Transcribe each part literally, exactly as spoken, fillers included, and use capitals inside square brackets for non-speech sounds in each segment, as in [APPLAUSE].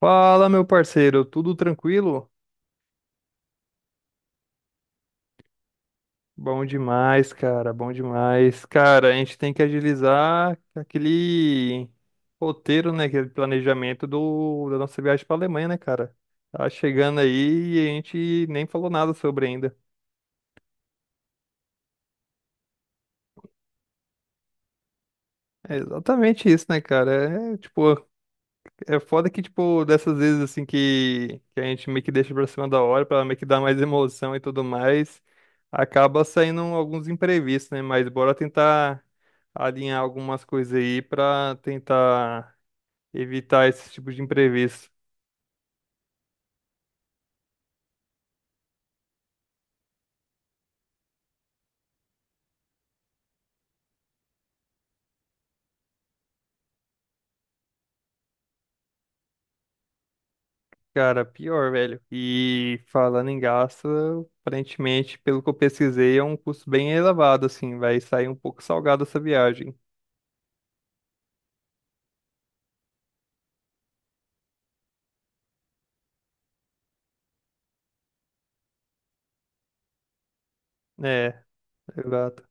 Fala, meu parceiro, tudo tranquilo? Bom demais, cara, bom demais. Cara, a gente tem que agilizar aquele roteiro, né, aquele planejamento do, da nossa viagem para Alemanha, né, cara? Tá chegando aí e a gente nem falou nada sobre ainda. É exatamente isso, né, cara? É tipo, é foda que, tipo, dessas vezes, assim, que, que a gente meio que deixa pra cima da hora, pra meio que dar mais emoção e tudo mais, acaba saindo alguns imprevistos, né? Mas bora tentar alinhar algumas coisas aí pra tentar evitar esse tipo de imprevisto. Cara, pior, velho. E falando em gasto, aparentemente, pelo que eu pesquisei, é um custo bem elevado, assim, vai sair um pouco salgado essa viagem. É, exato.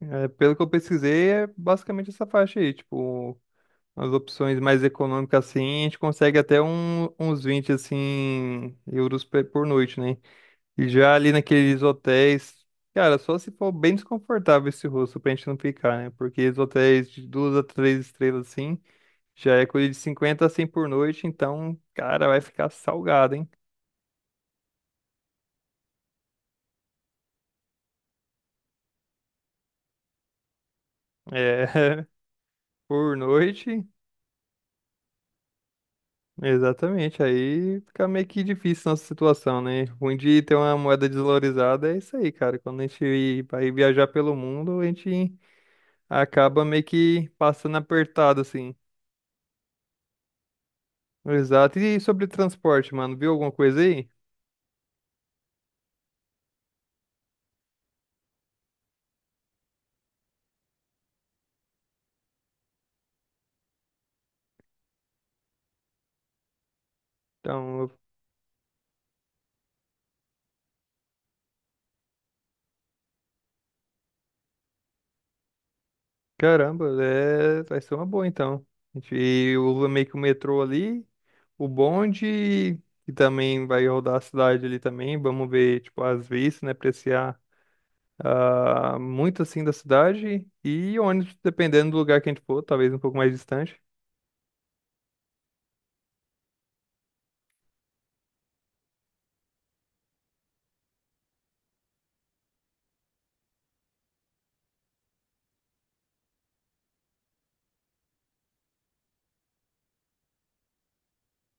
É, pelo que eu pesquisei, é basicamente essa faixa aí, tipo. As opções mais econômicas assim, a gente consegue até um- uns vinte assim euros pe- por noite, né? E já ali naqueles hotéis, cara, só se for bem desconfortável esse rosto pra gente não ficar, né? Porque os hotéis de duas a três estrelas assim, já é coisa de cinquenta a cem por noite, então, cara, vai ficar salgado, hein? É, [LAUGHS] por noite. Exatamente, aí fica meio que difícil nossa situação, né? Ruim de ter uma moeda desvalorizada é isso aí, cara. Quando a gente vai viajar pelo mundo, a gente acaba meio que passando apertado, assim. Exato. E sobre transporte, mano, viu alguma coisa aí? Então, eu- caramba, é, vai ser uma boa, então. A gente usa meio que o metrô ali, o bonde, que também vai rodar a cidade ali também. Vamos ver, tipo, as vistas, né? Apreciar. Ah, muito assim da cidade e ônibus, dependendo do lugar que a gente for, talvez um pouco mais distante.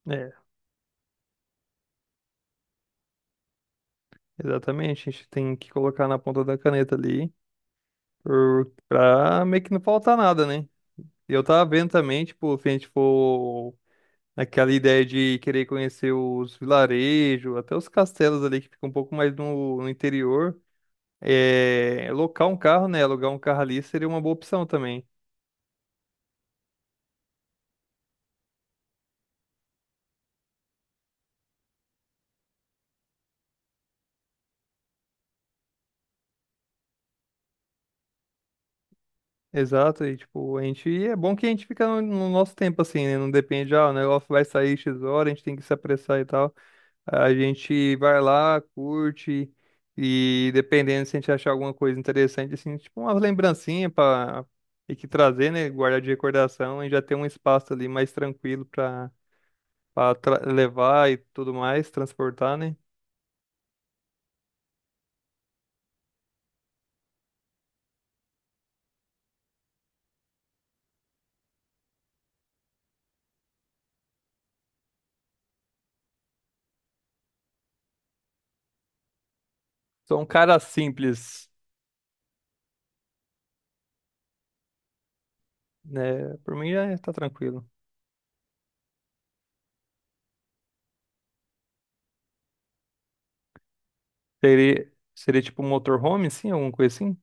É, exatamente. A gente tem que colocar na ponta da caneta ali por, pra meio que não faltar nada, né? E eu tava vendo também, tipo, se a gente for Aquela ideia de querer conhecer os vilarejos, até os castelos ali que ficam um pouco mais no, no interior. É, locar um carro, né? Alugar um carro ali seria uma boa opção também. Exato, e tipo, a gente é bom que a gente fica no, no nosso tempo assim, né? Não depende, ah, o negócio vai sair X hora, a gente tem que se apressar e tal. A gente vai lá, curte e dependendo se a gente achar alguma coisa interessante assim, tipo uma lembrancinha para e que trazer, né, guardar de recordação e já ter um espaço ali mais tranquilo para pra tra- levar e tudo mais, transportar, né? Sou um cara simples, né? Por mim já tá tranquilo. Seria, seria tipo um motorhome, sim, alguma coisa assim?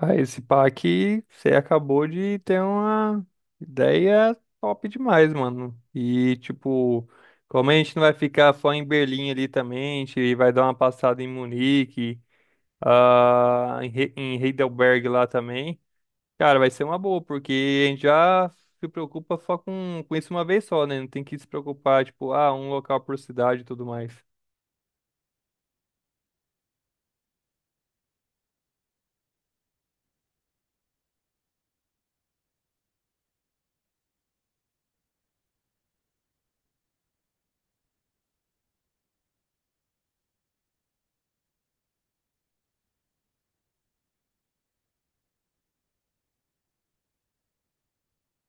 Ah, esse pá aqui, você acabou de ter uma ideia top demais, mano. E, tipo, como a gente não vai ficar só em Berlim ali também, a gente vai dar uma passada em Munique, ah, em He- em Heidelberg lá também. Cara, vai ser uma boa, porque a gente já se preocupa só com, com isso uma vez só, né? Não tem que se preocupar, tipo, ah, um local por cidade e tudo mais.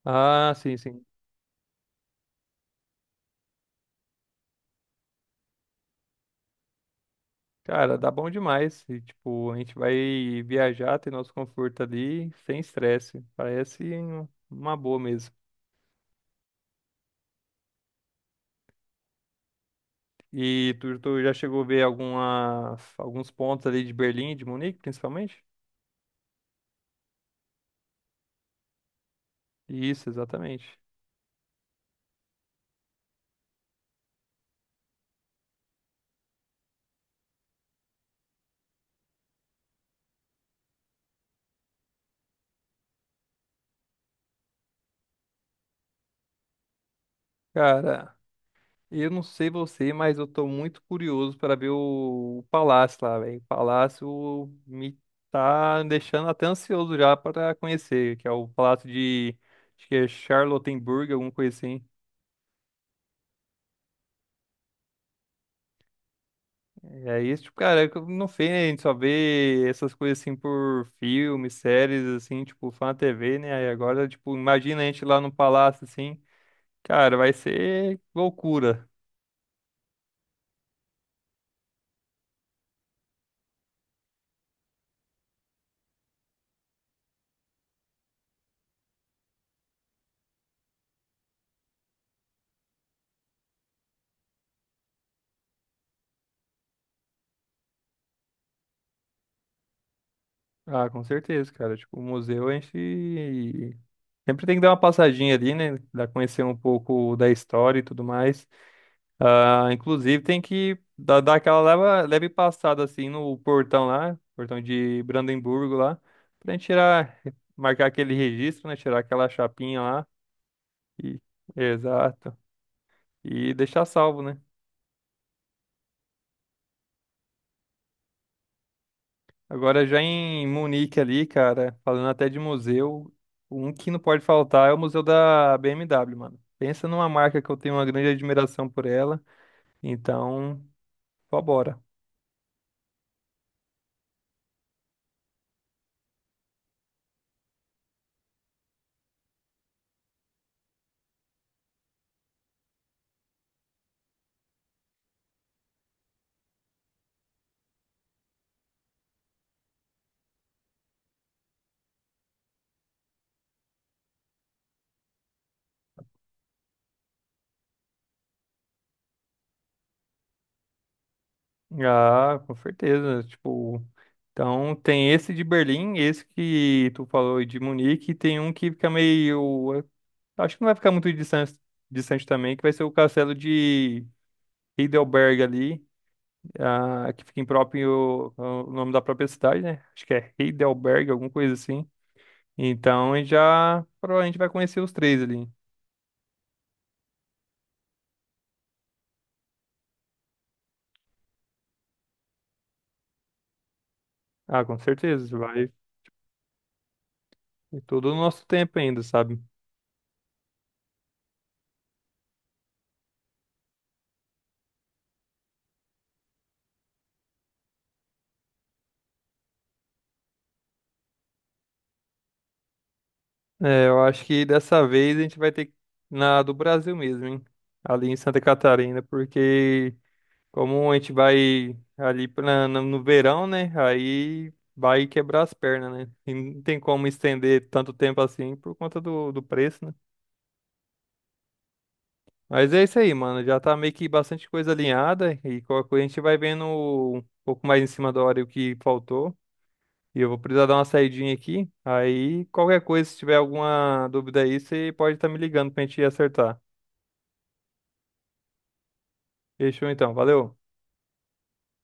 Ah, sim, sim. Cara, dá bom demais. E, tipo, a gente vai viajar, ter nosso conforto ali, sem estresse. Parece um- uma boa mesmo. E tu, tu já chegou a ver alguma, alguns pontos ali de Berlim, de Munique, principalmente? Isso, exatamente. Cara, eu não sei você, mas eu tô muito curioso para ver o, o palácio lá, velho. O palácio me tá deixando até ansioso já para conhecer, que é o palácio de, acho que é Charlottenburg, alguma coisa assim. E aí, tipo, cara, eu não sei, né? A gente só vê essas coisas assim por filmes, séries, assim, tipo, fã T V, né? Aí agora, tipo, imagina a gente lá no palácio, assim, cara, vai ser loucura. Ah, com certeza, cara. Tipo, o museu a gente sempre tem que dar uma passadinha ali, né? Dar conhecer um pouco da história e tudo mais. Ah, inclusive tem que dar, dar aquela leva- leve passada assim no portão lá, portão de Brandemburgo lá, pra gente tirar, marcar aquele registro, né? Tirar aquela chapinha lá. E, exato. E deixar salvo, né? Agora já em Munique ali, cara, falando até de museu, um que não pode faltar é o museu da B M W, mano. Pensa numa marca que eu tenho uma grande admiração por ela. Então, só bora. Ah, com certeza. Tipo, então tem esse de Berlim, esse que tu falou de Munique, e tem um que fica meio, é, acho que não vai ficar muito distante, distante, também, que vai ser o castelo de Heidelberg ali, ah, que fica em próprio, ah, o nome da própria cidade, né? Acho que é Heidelberg, alguma coisa assim. Então a gente já provavelmente vai conhecer os três ali. Ah, com certeza, vai. E Todo o nosso tempo ainda, sabe? É, eu acho que dessa vez a gente vai ter que- na do Brasil mesmo, hein? Ali em Santa Catarina, porque como a gente vai ali pra, no, no verão, né? Aí vai quebrar as pernas, né? E não tem como estender tanto tempo assim por conta do, do preço, né? Mas é isso aí, mano. Já tá meio que bastante coisa alinhada e qualquer coisa a gente vai vendo um pouco mais em cima da hora o que faltou. E eu vou precisar dar uma saidinha aqui. Aí, qualquer coisa, se tiver alguma dúvida aí, você pode estar me ligando pra gente acertar. Fechou então, valeu.